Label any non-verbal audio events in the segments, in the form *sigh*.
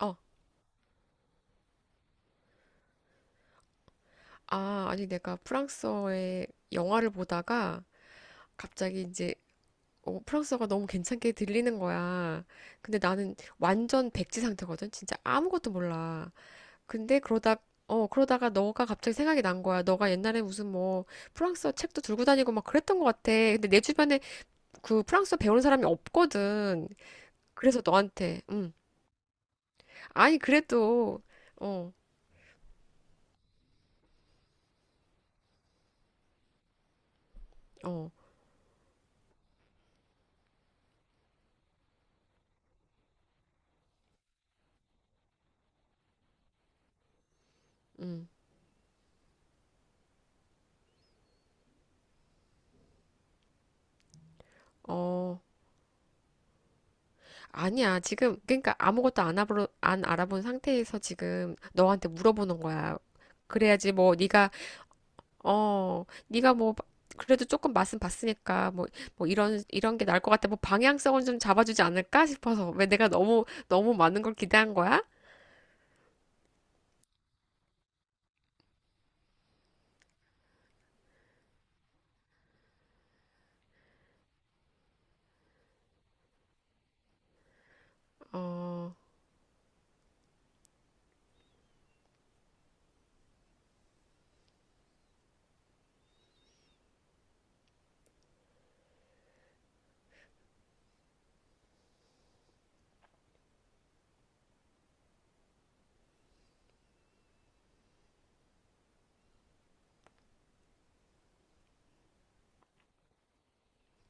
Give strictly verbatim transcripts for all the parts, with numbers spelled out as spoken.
어, 아, 아니, 내가 프랑스어의 영화를 보다가 갑자기 이제 어, 프랑스어가 너무 괜찮게 들리는 거야. 근데 나는 완전 백지 상태거든. 진짜 아무것도 몰라. 근데 그러다 어, 그러다가 너가 갑자기 생각이 난 거야. 너가 옛날에 무슨 뭐 프랑스어 책도 들고 다니고 막 그랬던 것 같아. 근데 내 주변에 그 프랑스어 배우는 사람이 없거든. 그래서 너한테 음. 아니 그래도. 어. 어. 음. 어. 아니야. 지금 그러니까 아무것도 안 알아보, 안 알아본 상태에서 지금 너한테 물어보는 거야. 그래야지 뭐 네가 어 네가 뭐 그래도 조금 맛은 봤으니까 뭐 뭐 이런 이런 게 나을 것 같아. 뭐 방향성은 좀 잡아주지 않을까 싶어서 왜 내가 너무 너무 많은 걸 기대한 거야? 어,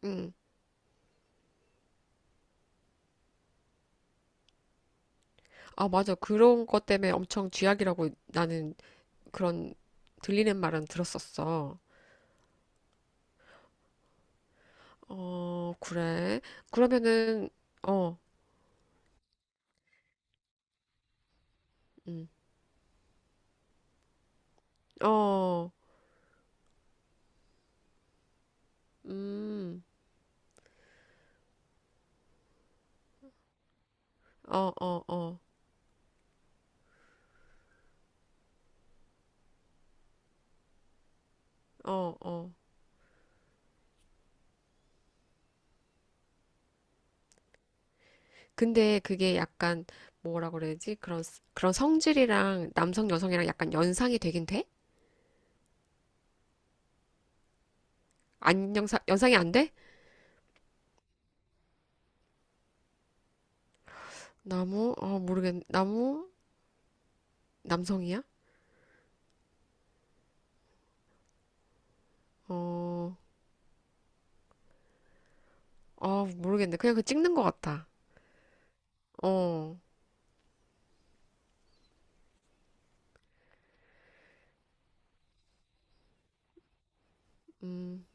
음. 아, 맞아. 그런 것 때문에 엄청 쥐약이라고 나는 그런 들리는 말은 들었었어. 어, 그래. 그러면은. 어. 음. 어. 음, 어, 어, 어, 어, 어. 근데 그게 약간 뭐라 그래야지? 그런 스- 그런 성질이랑 남성 여성이랑 약간 연상이 되긴 돼? 안 연상 연상이 안 돼? 나무? 어, 모르겠. 나무? 남성이야? 어, 어, 모르겠네. 그냥 그 찍는 것 같아. 어, 음,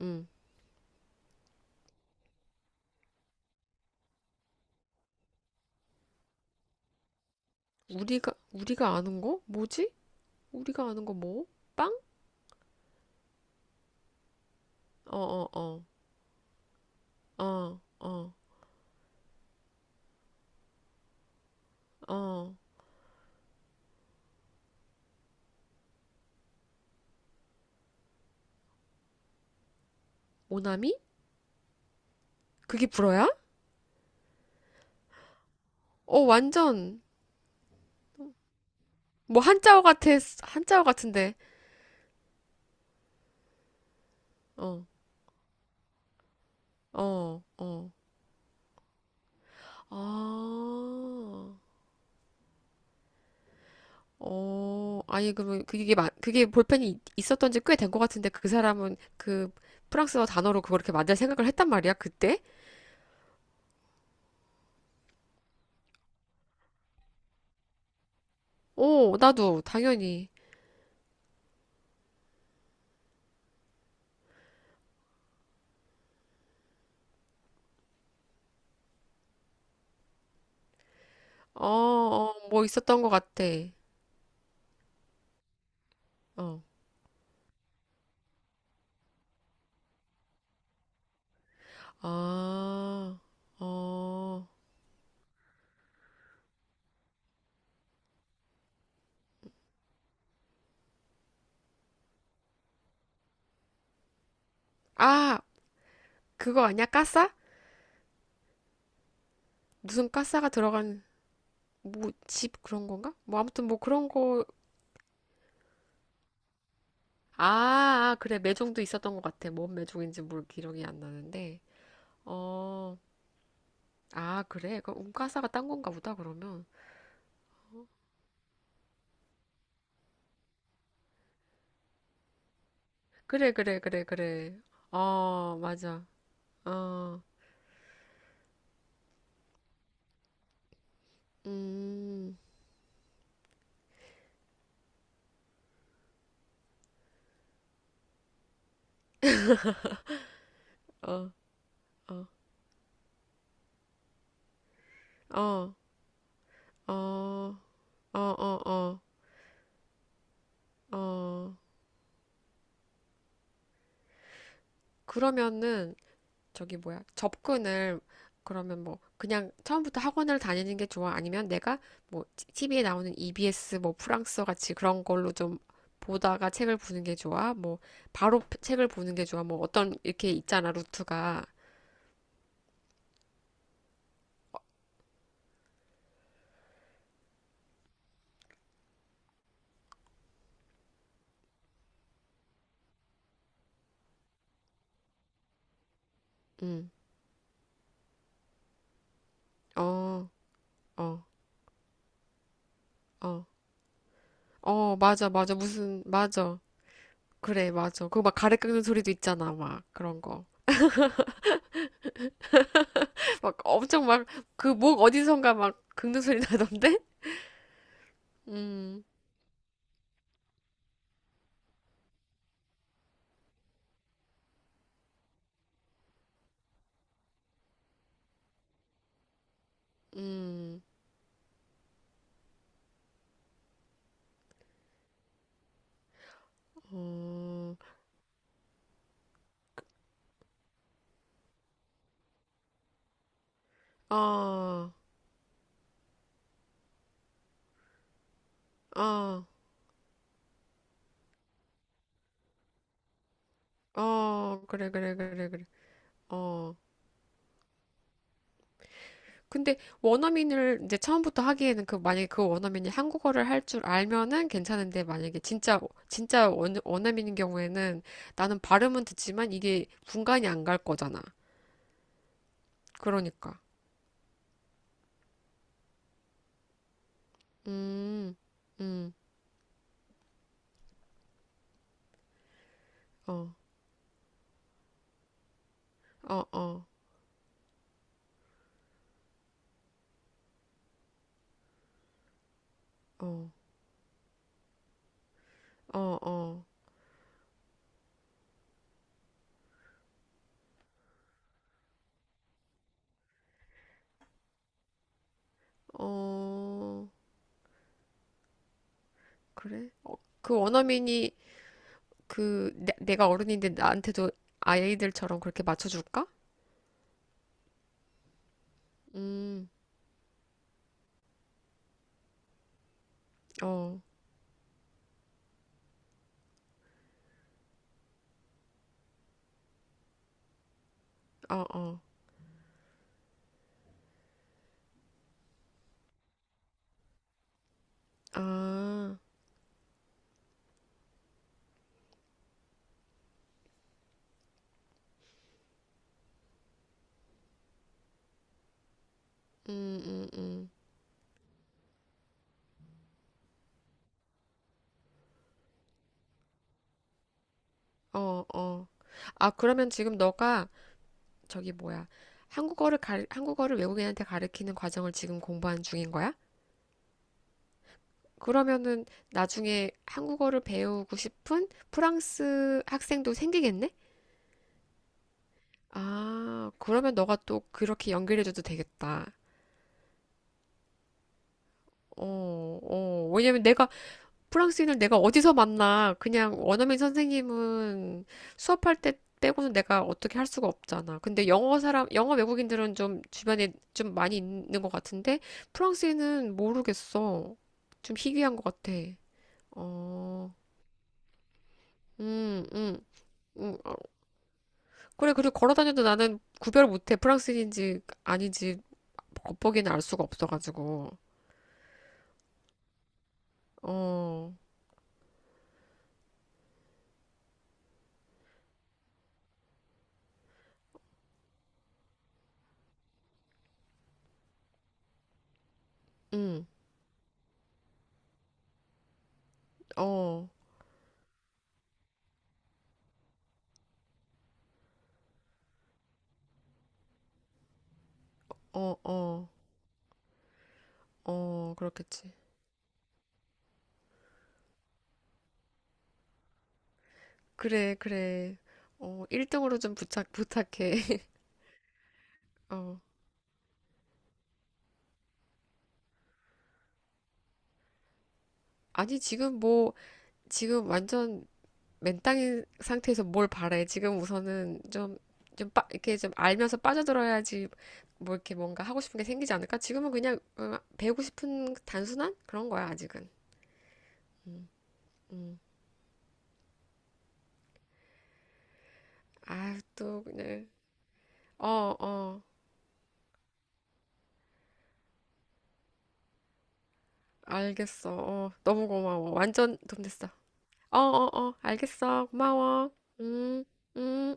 음. 우리가 우리가 아는 거? 뭐지? 우리가 아는 거 뭐? 빵? 어, 어, 어, 어, 어, 어. 오나미? 그게 불어야? 어, 완전. 뭐 한자어 같아 한자어 같은데. 어, 어, 어, 아, 어, 아니, 그러면 그게 마- 그게 볼펜이 있- 있었던 지 꽤 된 것 같은데, 그 사람은 그 프랑스어 단어로 그걸 이렇게 만들 생각을 했단 말이야, 그때. 어, 나도 당연히. 어어뭐 있었던 것 같아. 어아어아. 그거 아니야, 까싸. 무슨 까싸가 들어간 뭐 집 그런 건가, 뭐 아무튼 뭐 그런 거. 아, 아, 그래. 매종도 있었던 것 같아. 뭔 매종인지 모르 기억이 안 나는데. 어, 아, 그래. 그 운가사가 딴 건가 보다, 그러면. 그래, 그래, 그래, 그래. 어, 맞아. 어, 음, 어, 어, 어, 어, 어, 어, 어, 어. 그러면은, 저기 뭐야, 접근을. 그러면 뭐 그냥 처음부터 학원을 다니는 게 좋아? 아니면 내가 뭐 티비에 나오는 이비에스 뭐 프랑스어 같이 그런 걸로 좀 보다가 책을 보는 게 좋아? 뭐 바로 책을 보는 게 좋아? 뭐 어떤 이렇게 있잖아, 루트가. 응. 어, 어, 어. 어, 맞아, 맞아. 무슨, 맞아. 그래, 맞아. 그거 막 가래 긁는 소리도 있잖아, 막 그런 거. *laughs* 막 엄청 막 그 목 어디선가 막 긁는 소리 나던데? 음, 음, 어. 어, 어, 어, 그래, 그래, 그래, 그래. 어. 근데 원어민을 이제 처음부터 하기에는, 그 만약에 그 원어민이 한국어를 할 줄 알면은 괜찮은데, 만약에 진짜 진짜 원, 원어민인 경우에는 나는 발음은 듣지만 이게 분간이 안 갈 거잖아. 그러니까. 음. 음. 어. 어, 어. 어. 어, 어. 어. 그래? 어. 그 원어민이 그 내, 내가 어른인데 나한테도 아이들처럼 그렇게 맞춰줄까? 음, 어, 어, 어, 아, 음, 음, 음, 어, 어. 아, 그러면 지금 너가 저기 뭐야? 한국어를 가, 한국어를 외국인한테 가르치는 과정을 지금 공부하는 중인 거야? 그러면은 나중에 한국어를 배우고 싶은 프랑스 학생도 생기겠네? 아, 그러면 너가 또 그렇게 연결해줘도 되겠다. 어, 어. 왜냐면 내가 프랑스인을 내가 어디서 만나? 그냥 원어민 선생님은 수업할 때 빼고는 내가 어떻게 할 수가 없잖아. 근데 영어 사람, 영어 외국인들은 좀 주변에 좀 많이 있는 것 같은데, 프랑스인은 모르겠어. 좀 희귀한 것 같아. 어, 음, 음, 음. 어, 그래, 그리고 걸어 다녀도 나는 구별 못해. 프랑스인인지 아닌지 겉보기는 알 수가 없어가지고. 어, 음, 어, 어, 어, 어, 그렇겠지. 그래, 그래. 어, 일 등으로 좀 부탁, 부탁해. *laughs* 어. 아니, 지금 뭐, 지금 완전 맨땅인 상태에서 뭘 바래. 지금 우선은 좀, 좀, 빠, 이렇게 좀 알면서 빠져들어야지. 뭐 이렇게 뭔가 하고 싶은 게 생기지 않을까? 지금은 그냥 어, 배우고 싶은 단순한 그런 거야, 아직은. 음. 아유, 또 그냥. 어, 어. 알겠어. 어, 너무 고마워. 완전 도움 됐어. 어, 어, 어. 알겠어. 고마워. 음, 음.